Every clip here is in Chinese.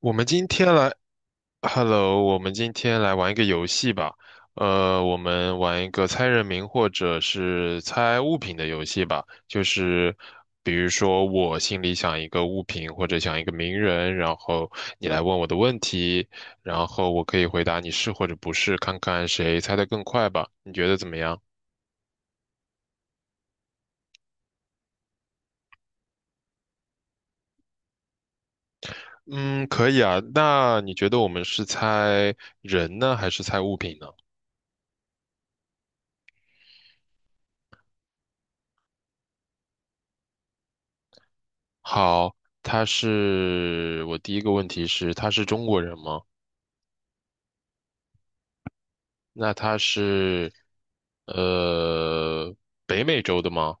我们今天来，Hello，我们今天来玩一个游戏吧。我们玩一个猜人名或者是猜物品的游戏吧。就是比如说，我心里想一个物品或者想一个名人，然后你来问我的问题，然后我可以回答你是或者不是，看看谁猜的更快吧。你觉得怎么样？嗯，可以啊。那你觉得我们是猜人呢，还是猜物品呢？好，我第一个问题是，他是中国人吗？那他是，呃，北美洲的吗？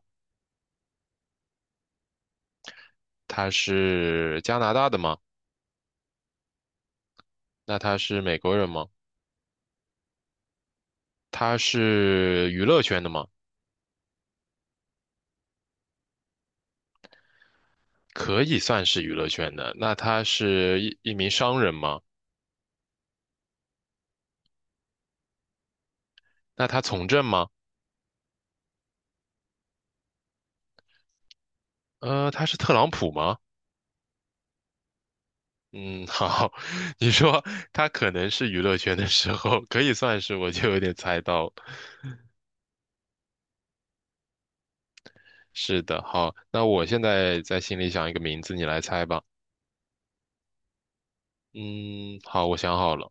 他是加拿大的吗？那他是美国人吗？他是娱乐圈的吗？可以算是娱乐圈的。那他是一名商人吗？那他从政吗？他是特朗普吗？嗯，好，你说他可能是娱乐圈的时候，可以算是，我就有点猜到。是的，好，那我现在在心里想一个名字，你来猜吧。嗯，好，我想好了，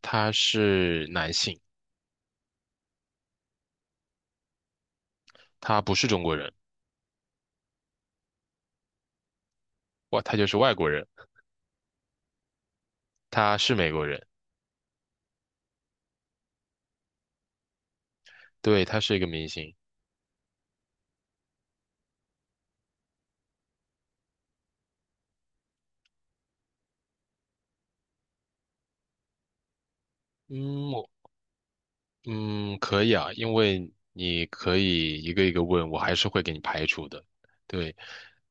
他是男性，他不是中国人，哇，他就是外国人，他是美国人，对，他是一个明星。嗯，可以啊，因为你可以一个一个问，我还是会给你排除的。对，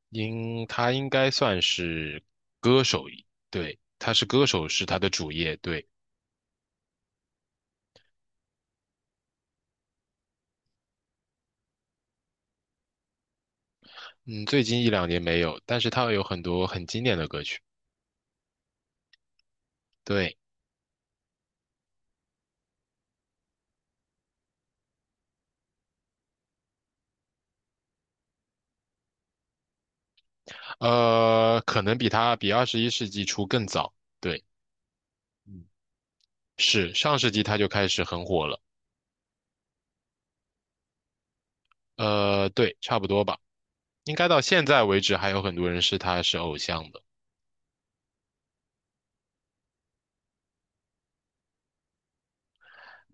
他应该算是歌手，对，他是歌手是他的主业，对，嗯，最近一两年没有，但是他有很多很经典的歌曲，对。可能比21世纪初更早。对，嗯，是上世纪他就开始很火了。对，差不多吧。应该到现在为止，还有很多人是他是偶像的。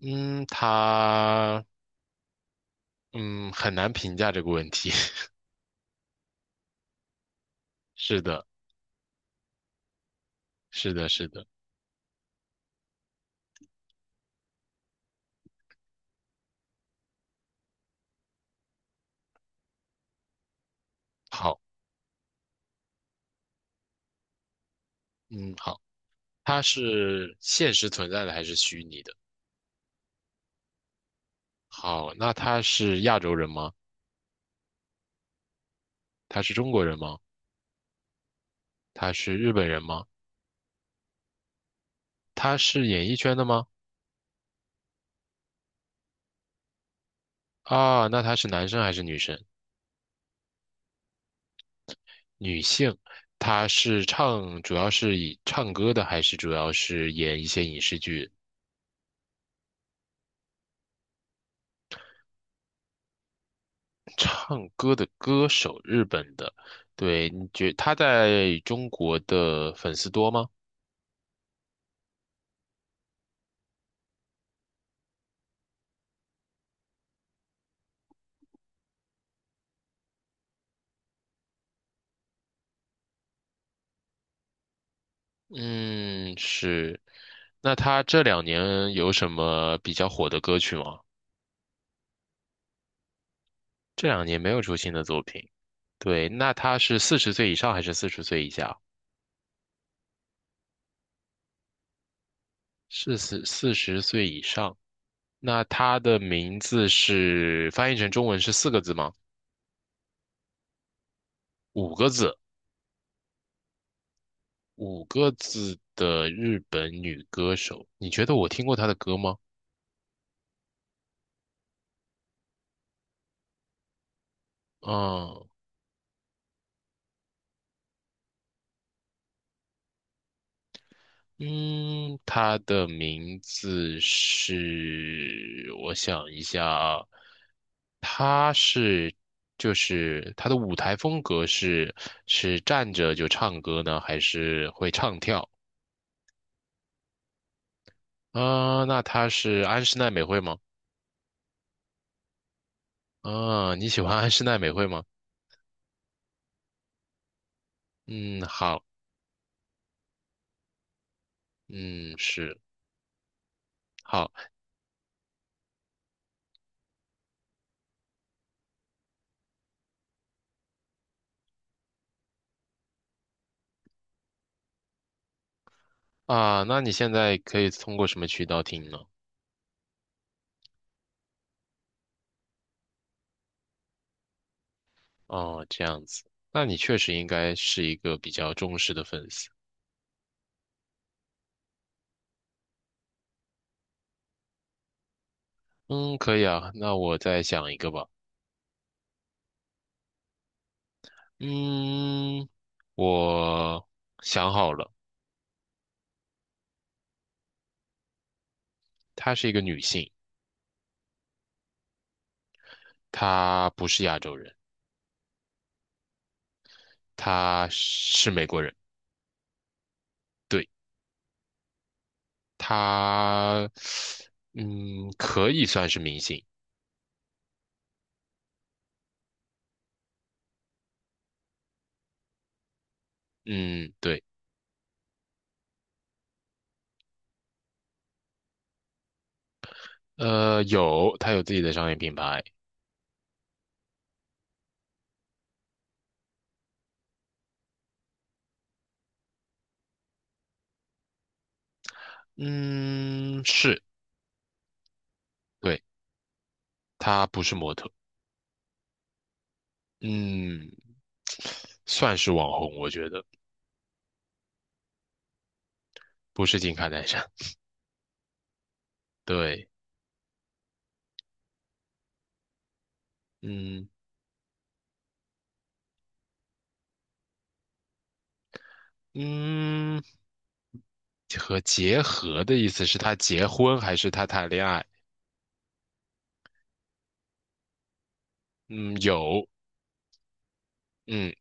嗯，他嗯很难评价这个问题。是的，是的，是的。好，嗯，好，他是现实存在的还是虚拟的？好，那他是亚洲人吗？他是中国人吗？他是日本人吗？他是演艺圈的吗？啊，那他是男生还是女生？女性，她是唱，主要是以唱歌的，还是主要是演一些影视剧？唱歌的歌手，日本的，对，你觉她在中国的粉丝多吗？嗯，是。那她这两年有什么比较火的歌曲吗？这两年没有出新的作品。对，那她是四十岁以上还是四十岁以下？是四十岁以上。那她的名字是翻译成中文是四个字吗？五个字，五个字的日本女歌手，你觉得我听过她的歌吗？嗯嗯，她的名字是，我想一下啊，她是就是她的舞台风格是站着就唱歌呢，还是会唱跳？啊、那她是安室奈美惠吗？啊、你喜欢安室奈美惠吗？嗯，好，嗯，是。好。啊，那你现在可以通过什么渠道听呢？哦，这样子，那你确实应该是一个比较忠实的粉丝。嗯，可以啊，那我再想一个吧。嗯，我想好了，她是一个女性，她不是亚洲人，她是美国人。对，她，可以算是明星。嗯，对，有，她有自己的商业品牌。嗯，是，对，她不是模特。嗯，算是网红，我觉得不是金卡戴珊。对，嗯嗯，和结合的意思是他结婚还是他谈恋爱？嗯，有，嗯，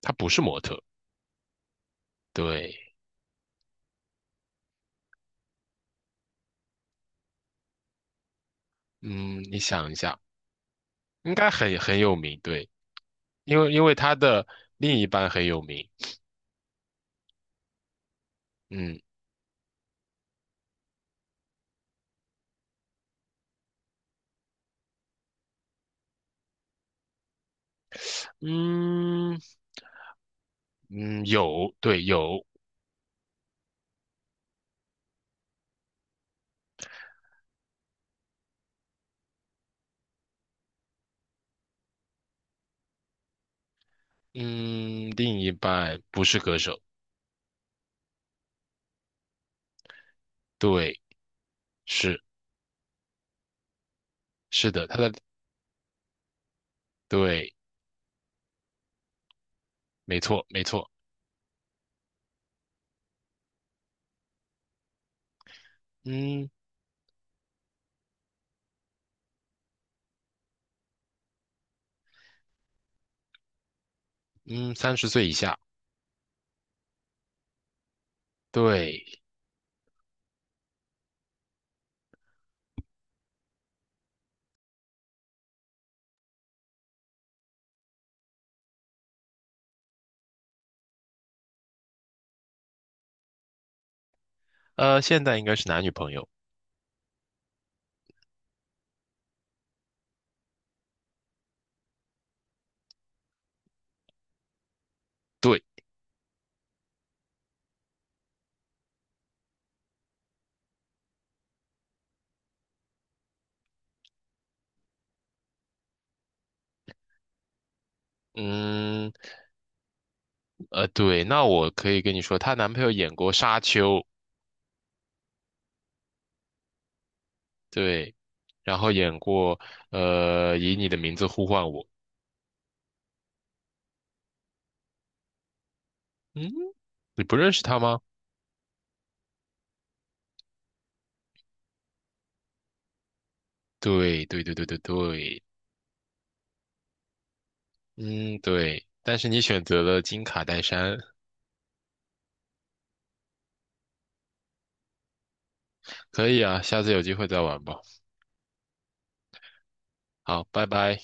他不是模特。对，嗯，你想一下，应该很有名。对，因为他的另一半很有名。嗯嗯嗯，有，对，有，嗯，另一半不是歌手。对，是是的，对。没错，没错，嗯嗯，30岁以下，对，现在应该是男女朋友，对，嗯，对，那我可以跟你说，她男朋友演过《沙丘》，对，然后演过《以你的名字呼唤我》，嗯，你不认识他吗？对，对，对，对，对，对，嗯，对，但是你选择了金卡戴珊，可以啊，下次有机会再玩吧，好，拜拜。